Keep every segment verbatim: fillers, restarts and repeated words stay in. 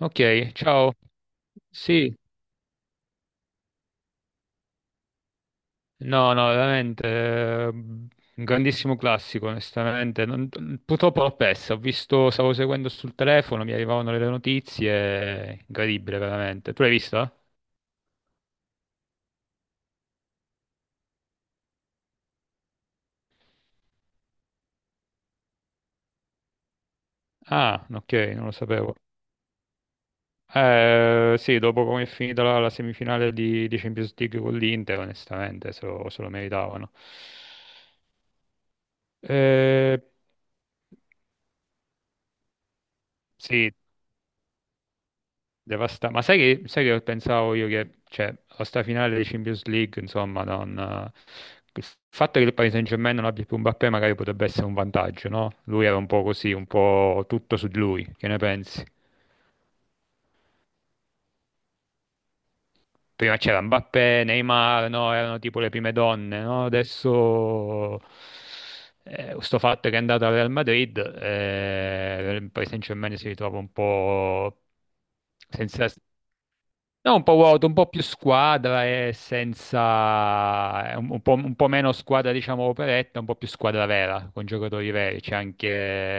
Ok, ciao. Sì, no, no, veramente, eh, un grandissimo classico, onestamente. Non- purtroppo l'ho persa, ho visto, stavo seguendo sul telefono, mi arrivavano le notizie, incredibile, veramente. Tu l'hai vista? Ah, ok, non lo sapevo. Eh, sì, dopo come è finita la, la semifinale di, di Champions League con l'Inter, onestamente, se lo, se lo meritavano. Eh, sì. Devasta- Ma sai che, sai che pensavo io che, cioè, la sta finale di Champions League, insomma, non, eh, il fatto che il Paris Saint-Germain non abbia più Mbappé magari potrebbe essere un vantaggio, no? Lui era un po' così, un po' tutto su di lui, che ne pensi? Prima c'era Mbappé, Neymar, no? Erano tipo le prime donne, no? Adesso eh, sto fatto che è andato al Real Madrid, eh, il Paris Saint-Germain si ritrova un po' senza. No, un po' vuoto, un po' più squadra e senza. È un, un po', un po' meno squadra, diciamo, operetta, un po' più squadra vera, con giocatori veri. C'è anche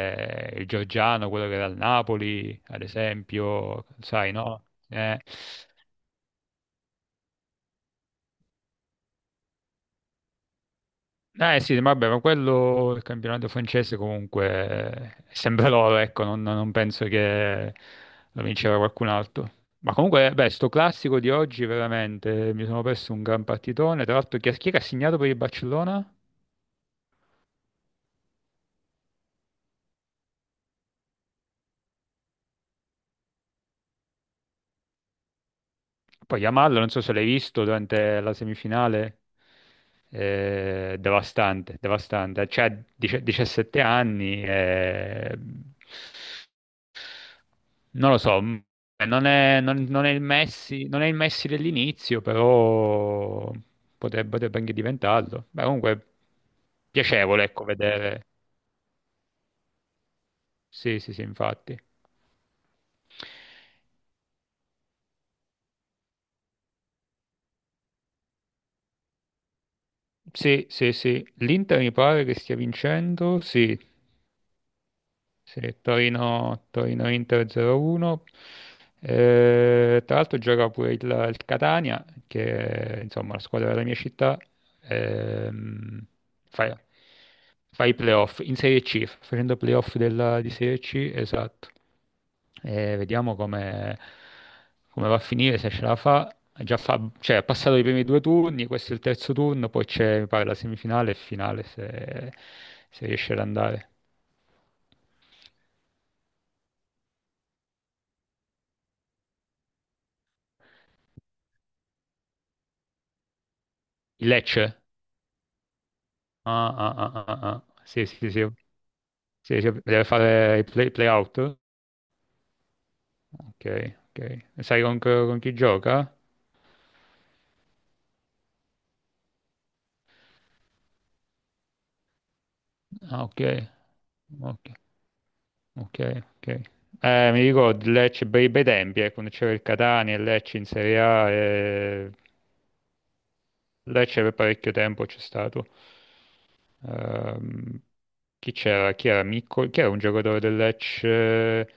eh, il Giorgiano, quello che era al Napoli, ad esempio, sai, no? Eh. Eh sì, vabbè, ma quello, il campionato francese comunque, eh, sempre loro, ecco, non, non penso che lo vinceva qualcun altro. Ma comunque, beh, sto classico di oggi veramente, mi sono perso un gran partitone. Tra l'altro chi, chi è che ha segnato per il Barcellona? Poi Yamal, non so se l'hai visto durante la semifinale, eh, devastante, devastante, cioè diciassette anni, eh. Non lo so, mh, non è, non- non è il Messi, non è il Messi dell'inizio, però potrebbe, potrebbe anche diventarlo. Beh, comunque piacevole, ecco, vedere. Sì, sì, sì, infatti. Sì, sì, sì. L'Inter mi pare che stia vincendo, sì. Sì, Torino, Torino-Inter zero uno. Eh, tra l'altro gioca pure il, il Catania, che è insomma la squadra della mia città. ehm, fa, fa i playoff in Serie C, sta facendo playoff della, di Serie C, esatto. E vediamo come, come va a finire, se ce la fa. Ha già fa, cioè, ha passato i primi due turni, questo è il terzo turno, poi c'è, mi pare, la semifinale e finale, se, se riesce ad andare. Il Lecce? Ah, ah, ah, ah, ah. Sì, sì, sì, sì, sì, sì, deve fare i play, playout. Ok, ok. E sai con, con chi gioca? Ah, ok, ok, ok, ok. Eh, mi ricordo il Lecce bei, bei tempi, eh, quando c'era il Catania e il Lecce in Serie A. E... Lecce per parecchio tempo c'è stato. Ehm, chi c'era? Chi era? Miccoli? Chi era un giocatore del Lecce?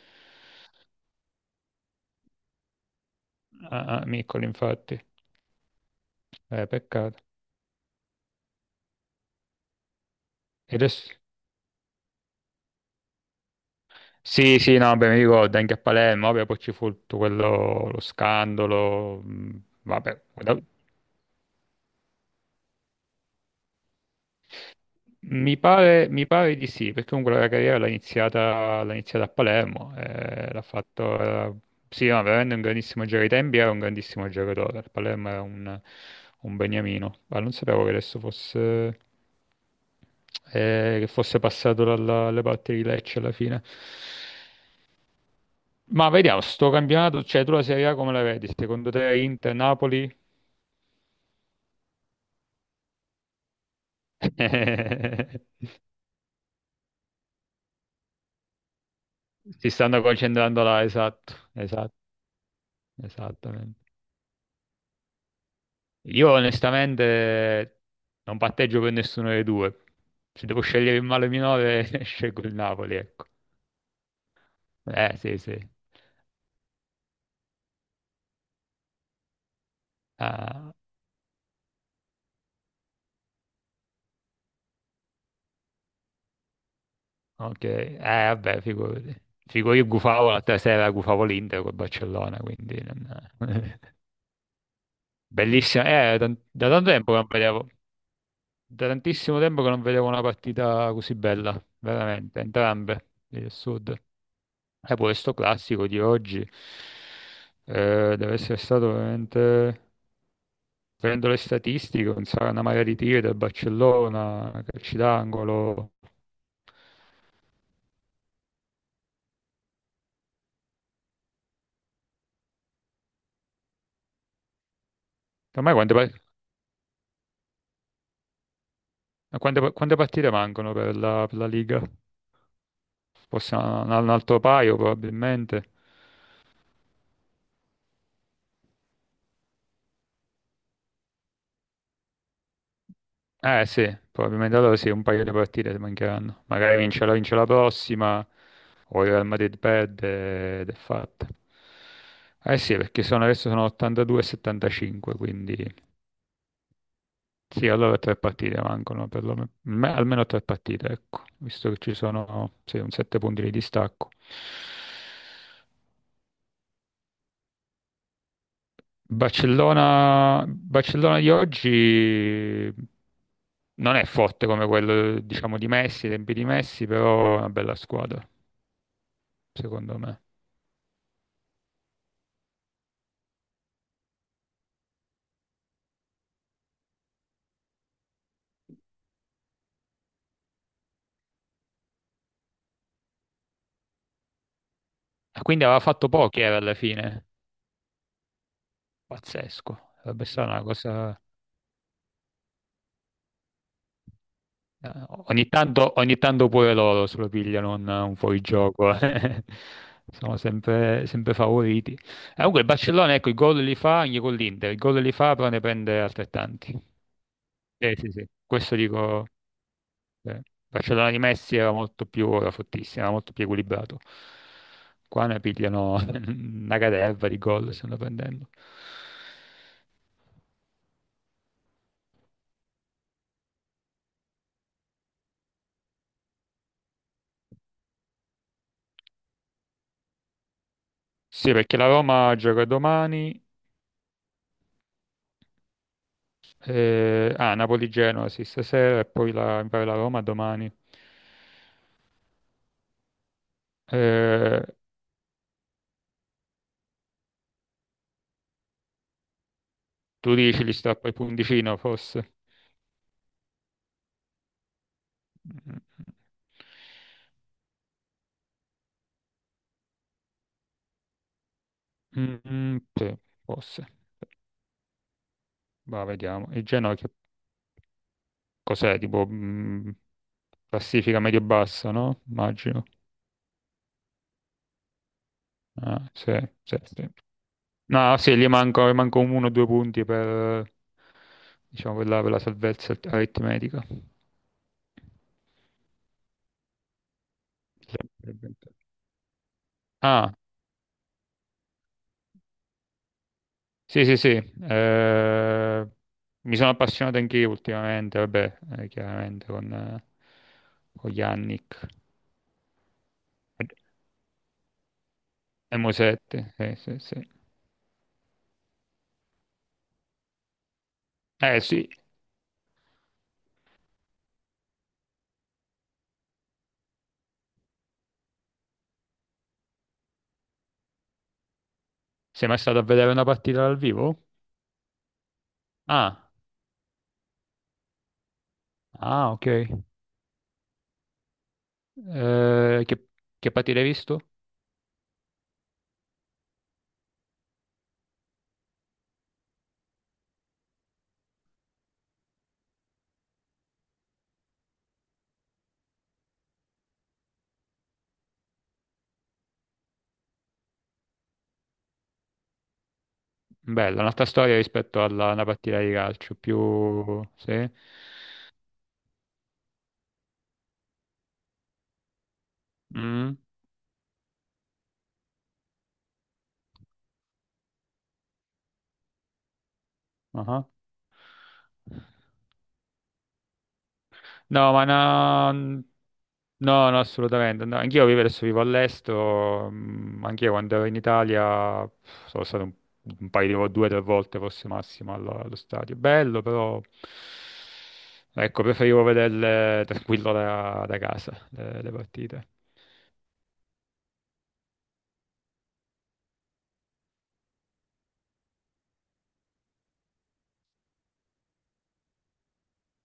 Ah, ah, Miccoli, infatti. Eh, peccato. E adesso? Sì, sì, no, beh, mi ricordo anche a Palermo, vabbè, poi ci fu tutto quello, lo scandalo, mh, vabbè, guarda, mi pare, mi pare di sì, perché comunque la carriera l'ha iniziata, l'ha iniziata a Palermo, eh, l'ha fatto, era- sì, no, veramente un grandissimo giocatore, ai tempi era un grandissimo giocatore, il Palermo era un, un beniamino, ma non sapevo che adesso fosse, eh, che fosse passato dalla- alle parti di Lecce alla fine. Ma vediamo, sto campionato, cioè tu la Serie A come la vedi? Secondo te Inter, Napoli? Si stanno concentrando là, esatto, esatto, esattamente. Io onestamente non patteggio per nessuno dei due. Se devo scegliere il male minore, scelgo il Napoli, ecco. Eh, sì, sì. Ah, ok. Eh, vabbè, figurati. Figo, io gufavo l'altra sera, gufavo l'Inter col Barcellona, quindi, non- Bellissima, eh, da, da tanto tempo che non vedevo. Da tantissimo tempo che non vedevo una partita così bella, veramente, entrambe, il Sud. E poi sto classico di oggi eh, deve essere stato veramente, prendo le statistiche, un sa- una marea di tiri del Barcellona, calci d'angolo. Ormai quante, par- quante- quante partite mancano per la, per la, Liga? Forse un, un altro paio probabilmente. Eh sì, probabilmente allora sì, un paio di partite mancheranno. Magari vince la, vince la prossima o il Real Madrid perde ed è fatta. Eh sì, perché sono, adesso sono ottantadue e settantacinque, quindi sì, allora tre partite mancano, perlomeno, me- almeno tre partite, ecco, visto che ci sono sì, un sette punti di distacco. Barcellona, Barcellona di oggi non è forte come quello, diciamo, di Messi, i tempi di Messi, però è una bella squadra, secondo me. E quindi aveva fatto pochi, era alla fine. Pazzesco, sarebbe stata una cosa. Eh, ogni tanto, ogni tanto pure loro se lo pigliano un, un fuorigioco. Eh. Sono sempre, sempre favoriti. Eh, comunque il Barcellona, ecco, i gol li fa anche con l'Inter, i gol li fa però ne prende altrettanti. Eh, sì, sì, questo dico. Eh, il Barcellona di Messi era molto più, era fortissimo, era molto più equilibrato. Qua ne pigliano una caterva di gol, stanno prendendo. Sì, perché la Roma gioca domani. Eh, ah, Napoli-Genoa sì, stasera e poi la, mi pare la Roma domani. Eh, tu dici li strappa il punticino, forse? Mm, mm, mm, sì, forse. Va, vediamo. Il Genoa che cos'è? Tipo mm, classifica medio-bassa, no? Immagino. Ah, sì, sì, sì. No, sì, gli manco, gli manco uno o due punti per, diciamo, per la, per la salvezza aritmetica. Sì. Ah, sì, sì, sì, eh, mi sono appassionato anche io ultimamente, vabbè, eh, chiaramente con, eh, con Yannick e Mosette, sì, sì, sì. Eh sì, sei mai stato a vedere una partita dal vivo? Ah, ah, ok. Eh, che, che partita hai visto? Bella, un'altra storia rispetto alla una partita di calcio, più, sì? Mm, ah. No, ma no, no, no, assolutamente. No. Anch'io vivo adesso vivo all'estero, mm, anch'io quando ero in Italia pff, sono stato un, un paio di vo- due o tre volte forse massimo allo, allo stadio. Bello, però ecco, preferivo vederle tranquillo da, da casa, le, le partite.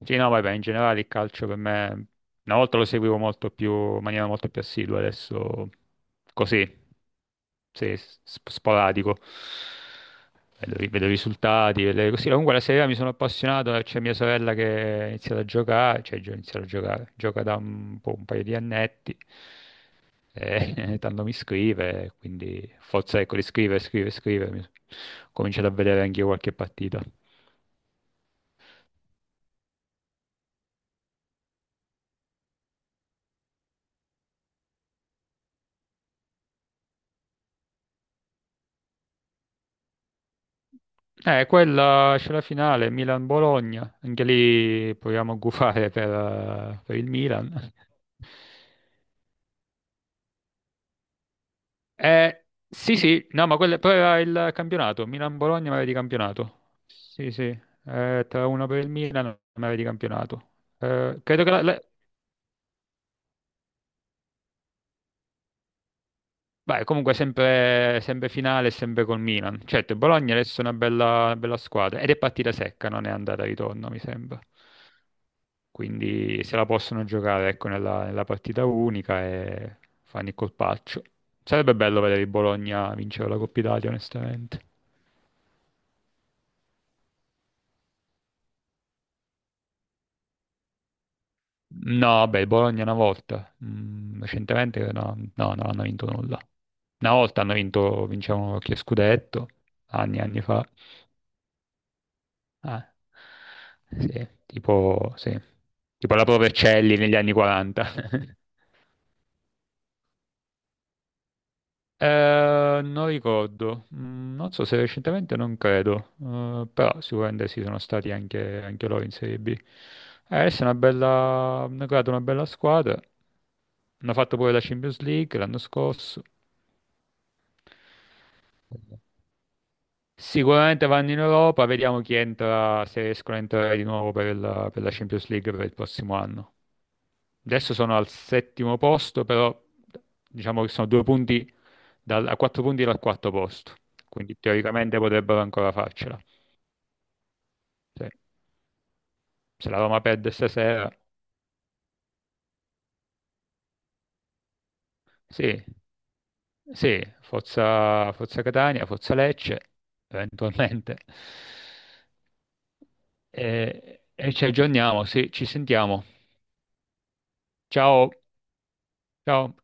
Sì, no, vabbè, in generale il calcio per me, una volta lo seguivo molto più, in maniera molto più assidua, adesso così, sì, sp- sporadico. Vedo, i vedo i risultati, vedo le- così. Comunque la Serie A mi sono appassionato, eh, c'è mia sorella che ha iniziato a giocare, cioè gio- ha iniziato a giocare, gioca da un po', un paio di annetti, e tanto mi scrive, quindi forza ecco di scrivere, scrivere, scrivere, mi- so, ho cominciato a vedere anche io qualche partita. Eh, quella c'è la finale, Milan-Bologna, anche lì proviamo a gufare per, eh, per il Milan. Eh, sì, sì, no, ma quella, però era il campionato, Milan-Bologna ma era di campionato. Sì, sì, eh, tra uno per il Milan ma era di campionato. Eh, credo che la, la- beh, comunque sempre, sempre finale, sempre col Milan. Certo, il Bologna adesso è una bella, una bella squadra ed è partita secca, non è andata e ritorno, mi sembra. Quindi se la possono giocare, ecco, nella, nella partita unica e fanno il colpaccio. Sarebbe bello vedere il Bologna vincere la Coppa Italia, onestamente. No, beh, il Bologna una volta, mm, recentemente no, no, non hanno vinto nulla. Una volta hanno vinto, vincevano che scudetto, anni e anni fa. Ah, sì, tipo, sì. Tipo la Provercelli negli anni quaranta. Eh, non ricordo. Mm, non so se recentemente non credo. Eh, però sicuramente sì, sono stati anche, anche loro in Serie B. Eh, adesso è una bella, hanno creato una bella squadra, hanno fatto pure la Champions League l'anno scorso. Sicuramente vanno in Europa, vediamo chi entra, se riescono a entrare di nuovo per la, per la, Champions League per il prossimo anno. Adesso sono al settimo posto, però diciamo che sono due punti dal- a quattro punti dal quarto posto, quindi teoricamente potrebbero ancora farcela. Se, se la Roma perde stasera, sì, sì, Forza, Forza Catania, Forza Lecce, eventualmente. E, e ci aggiorniamo, sì, ci sentiamo. Ciao, ciao.